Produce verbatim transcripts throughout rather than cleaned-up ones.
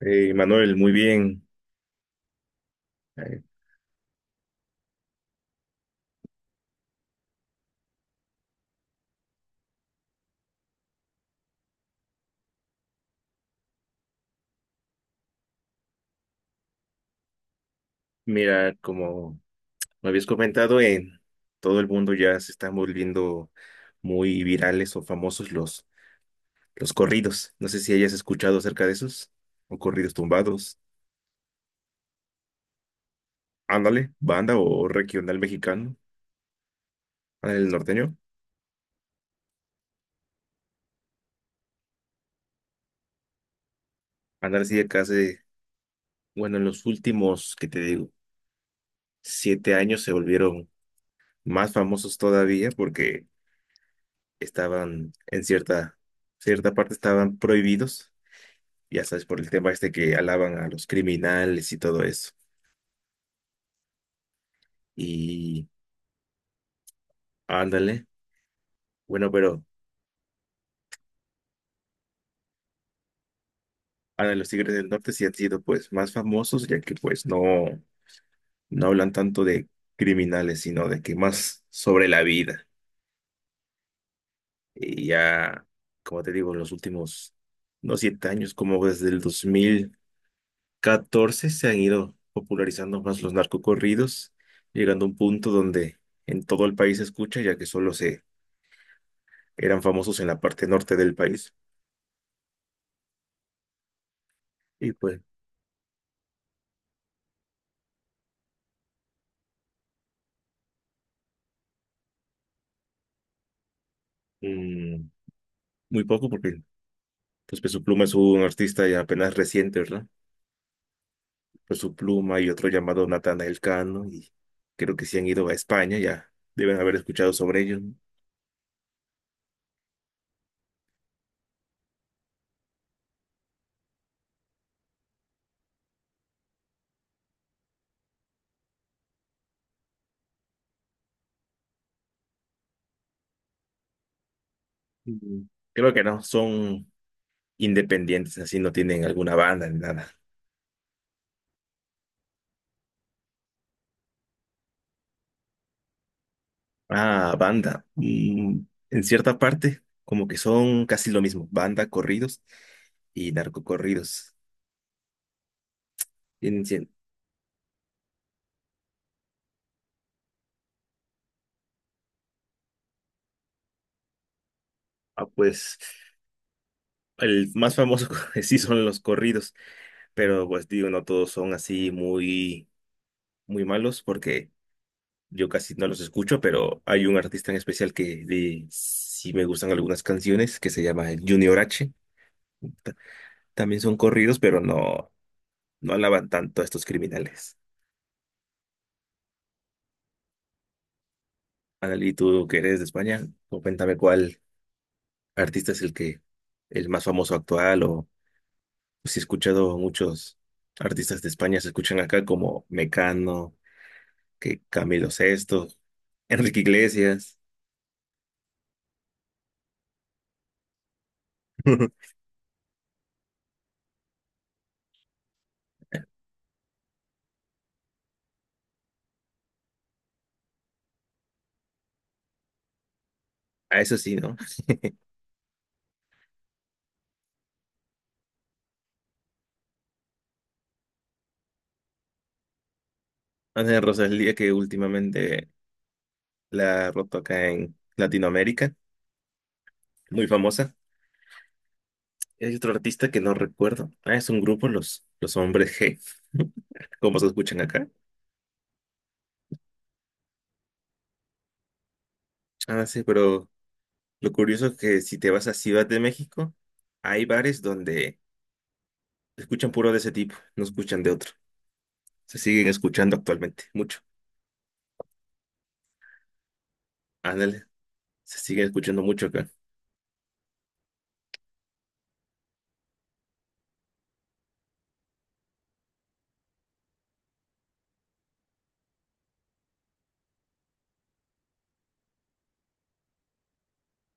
Eh, Manuel, muy bien. Eh, Mira, como me habías comentado, en todo el mundo ya se están volviendo muy virales o famosos los, los corridos. No sé si hayas escuchado acerca de esos, o corridos tumbados. Ándale, banda o regional mexicano, ándale el norteño. Ándale, sí, acá hace, bueno, en los últimos, que te digo, siete años se volvieron más famosos todavía porque estaban en cierta, cierta parte estaban prohibidos ya sabes, por el tema este que alaban a los criminales y todo eso. Y ándale, bueno, pero ándale, los Tigres del Norte sí han sido pues más famosos, ya que pues no, no hablan tanto de criminales, sino de que más sobre la vida. Y ya, como te digo, los últimos, no siete años, como desde el dos mil catorce se han ido popularizando más los narcocorridos, llegando a un punto donde en todo el país se escucha, ya que solo se eran famosos en la parte norte del país. Y pues, mm, muy poco porque pues, Peso Pluma es un artista ya apenas reciente, ¿verdad? Peso Pluma y otro llamado Natanael Cano, y creo que si han ido a España ya deben haber escuchado sobre ellos. ¿No? Mm, Creo que no, son independientes, así no tienen alguna banda ni nada. Ah, banda. Mm, en cierta parte, como que son casi lo mismo, banda, corridos y narcocorridos. Tienen cien- Ah, pues el más famoso sí son los corridos pero pues digo, no todos son así muy, muy malos porque yo casi no los escucho, pero hay un artista en especial que de, sí me gustan algunas canciones que se llama Junior H. Ta- También son corridos, pero no, no alaban tanto a estos criminales. Analí, tú que eres de España, cuéntame cuál artista es el que, el más famoso actual o si he escuchado muchos artistas de España se escuchan acá como Mecano, que Camilo Sesto, Enrique Iglesias. A eso sí, ¿no? Ana Rosalía, que últimamente la ha roto acá en Latinoamérica, muy famosa. Hay otro artista que no recuerdo. Ah, es un grupo, los, los hombres G, como se escuchan acá. Ah, sí, pero lo curioso es que si te vas a Ciudad de México, hay bares donde escuchan puro de ese tipo, no escuchan de otro. Se siguen escuchando actualmente, mucho. Ándale, se siguen escuchando mucho acá.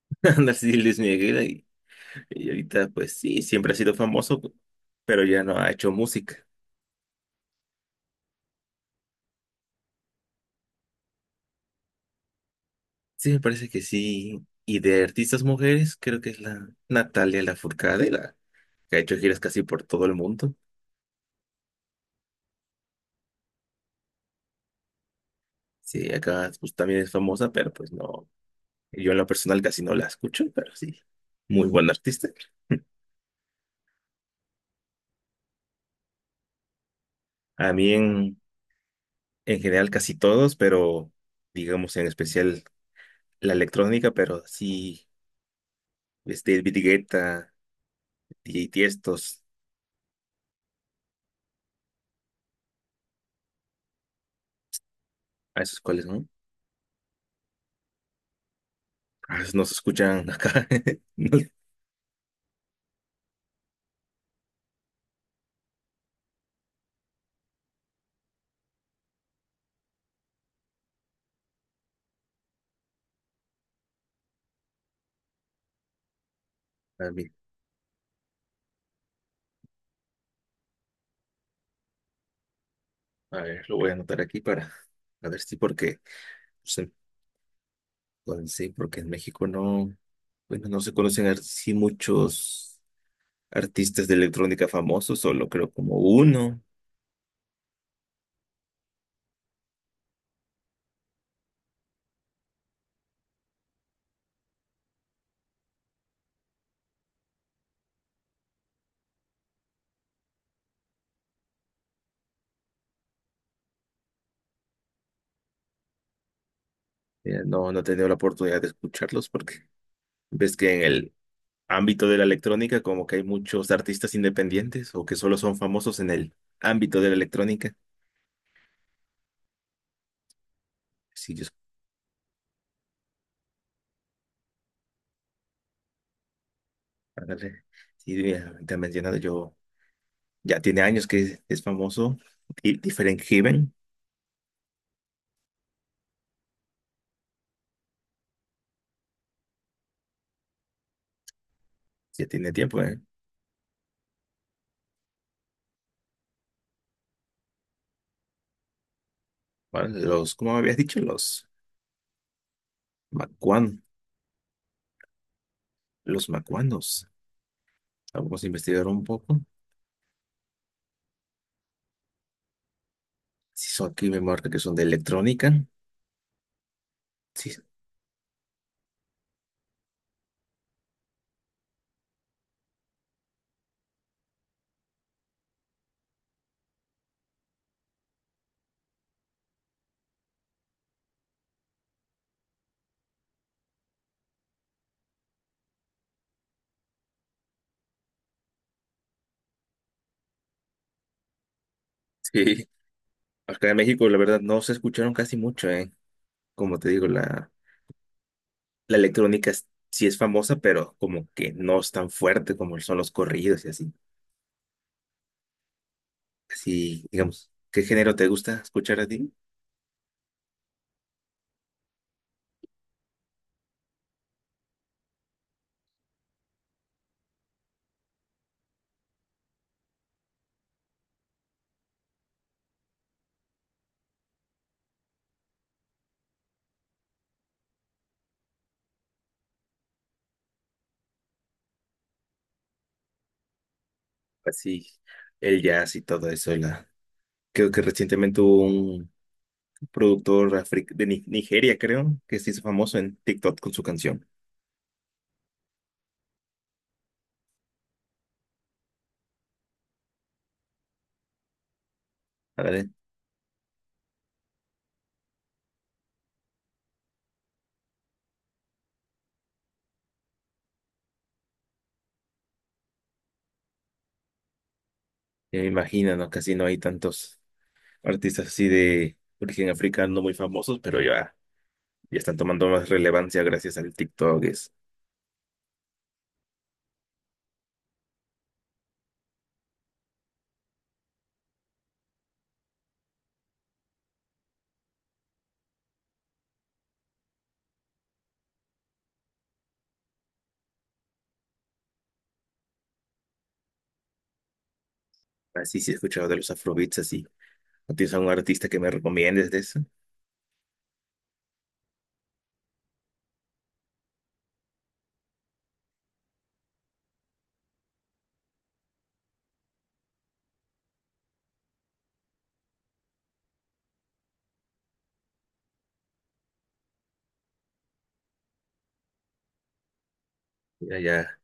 Ándale, sí, Luis Miguel, y, y ahorita, pues sí, siempre ha sido famoso, pero ya no ha hecho música. Sí, me parece que sí. Y de artistas mujeres, creo que es la Natalia Lafourcade, la que ha hecho giras casi por todo el mundo. Sí, acá pues, también es famosa, pero pues no. Yo en lo personal casi no la escucho, pero sí, muy buen artista. A mí en, en general casi todos, pero digamos en especial la electrónica, pero sí, este, David Guetta, D J Tiestos, a esos cuales, ¿no? A esos no se escuchan acá. No, a mí a ver, lo voy a anotar aquí para a ver si porque sí, pues sí, porque en México no, bueno, no se conocen así muchos artistas de electrónica famosos, solo creo como uno. Eh, no, no he tenido la oportunidad de escucharlos porque ves que en el ámbito de la electrónica como que hay muchos artistas independientes o que solo son famosos en el ámbito de la electrónica. Sí, yo, ándale. Sí, mira, te he mencionado yo, ya tiene años que es, es famoso. Y Different Heaven, ya tiene tiempo, ¿eh? Vale, los, ¿cómo me habías dicho? Los macuan, los macuanos. Vamos a investigar un poco. Si son aquí, me marca que son de electrónica. Sí, sí. Acá en México, la verdad, no se escucharon casi mucho, ¿eh? Como te digo, la, la electrónica es- sí es famosa, pero como que no es tan fuerte como son los corridos y así. Así, digamos, ¿qué género te gusta escuchar a ti? Así, el jazz y todo eso. La, creo que recientemente hubo un productor afric- de Ni- Nigeria, creo, que se hizo famoso en TikTok con su canción. ¿Vale? Ya me imagino, ¿no? Casi no hay tantos artistas así de origen africano muy famosos, pero ya, ya están tomando más relevancia gracias al TikTok. Es, así sí sí, he escuchado de los afrobeats, así. ¿No tienes algún artista que me recomiendes de eso? Mira, ya,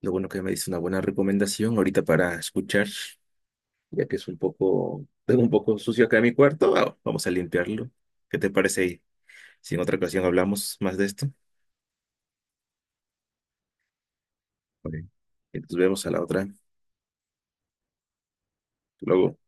lo bueno que me dice una buena recomendación ahorita para escuchar, ya que es un poco, tengo un poco sucio acá en mi cuarto, ah, vamos a limpiarlo. ¿Qué te parece? Si en otra ocasión hablamos más de esto. Vale. Entonces vemos a la otra. Luego.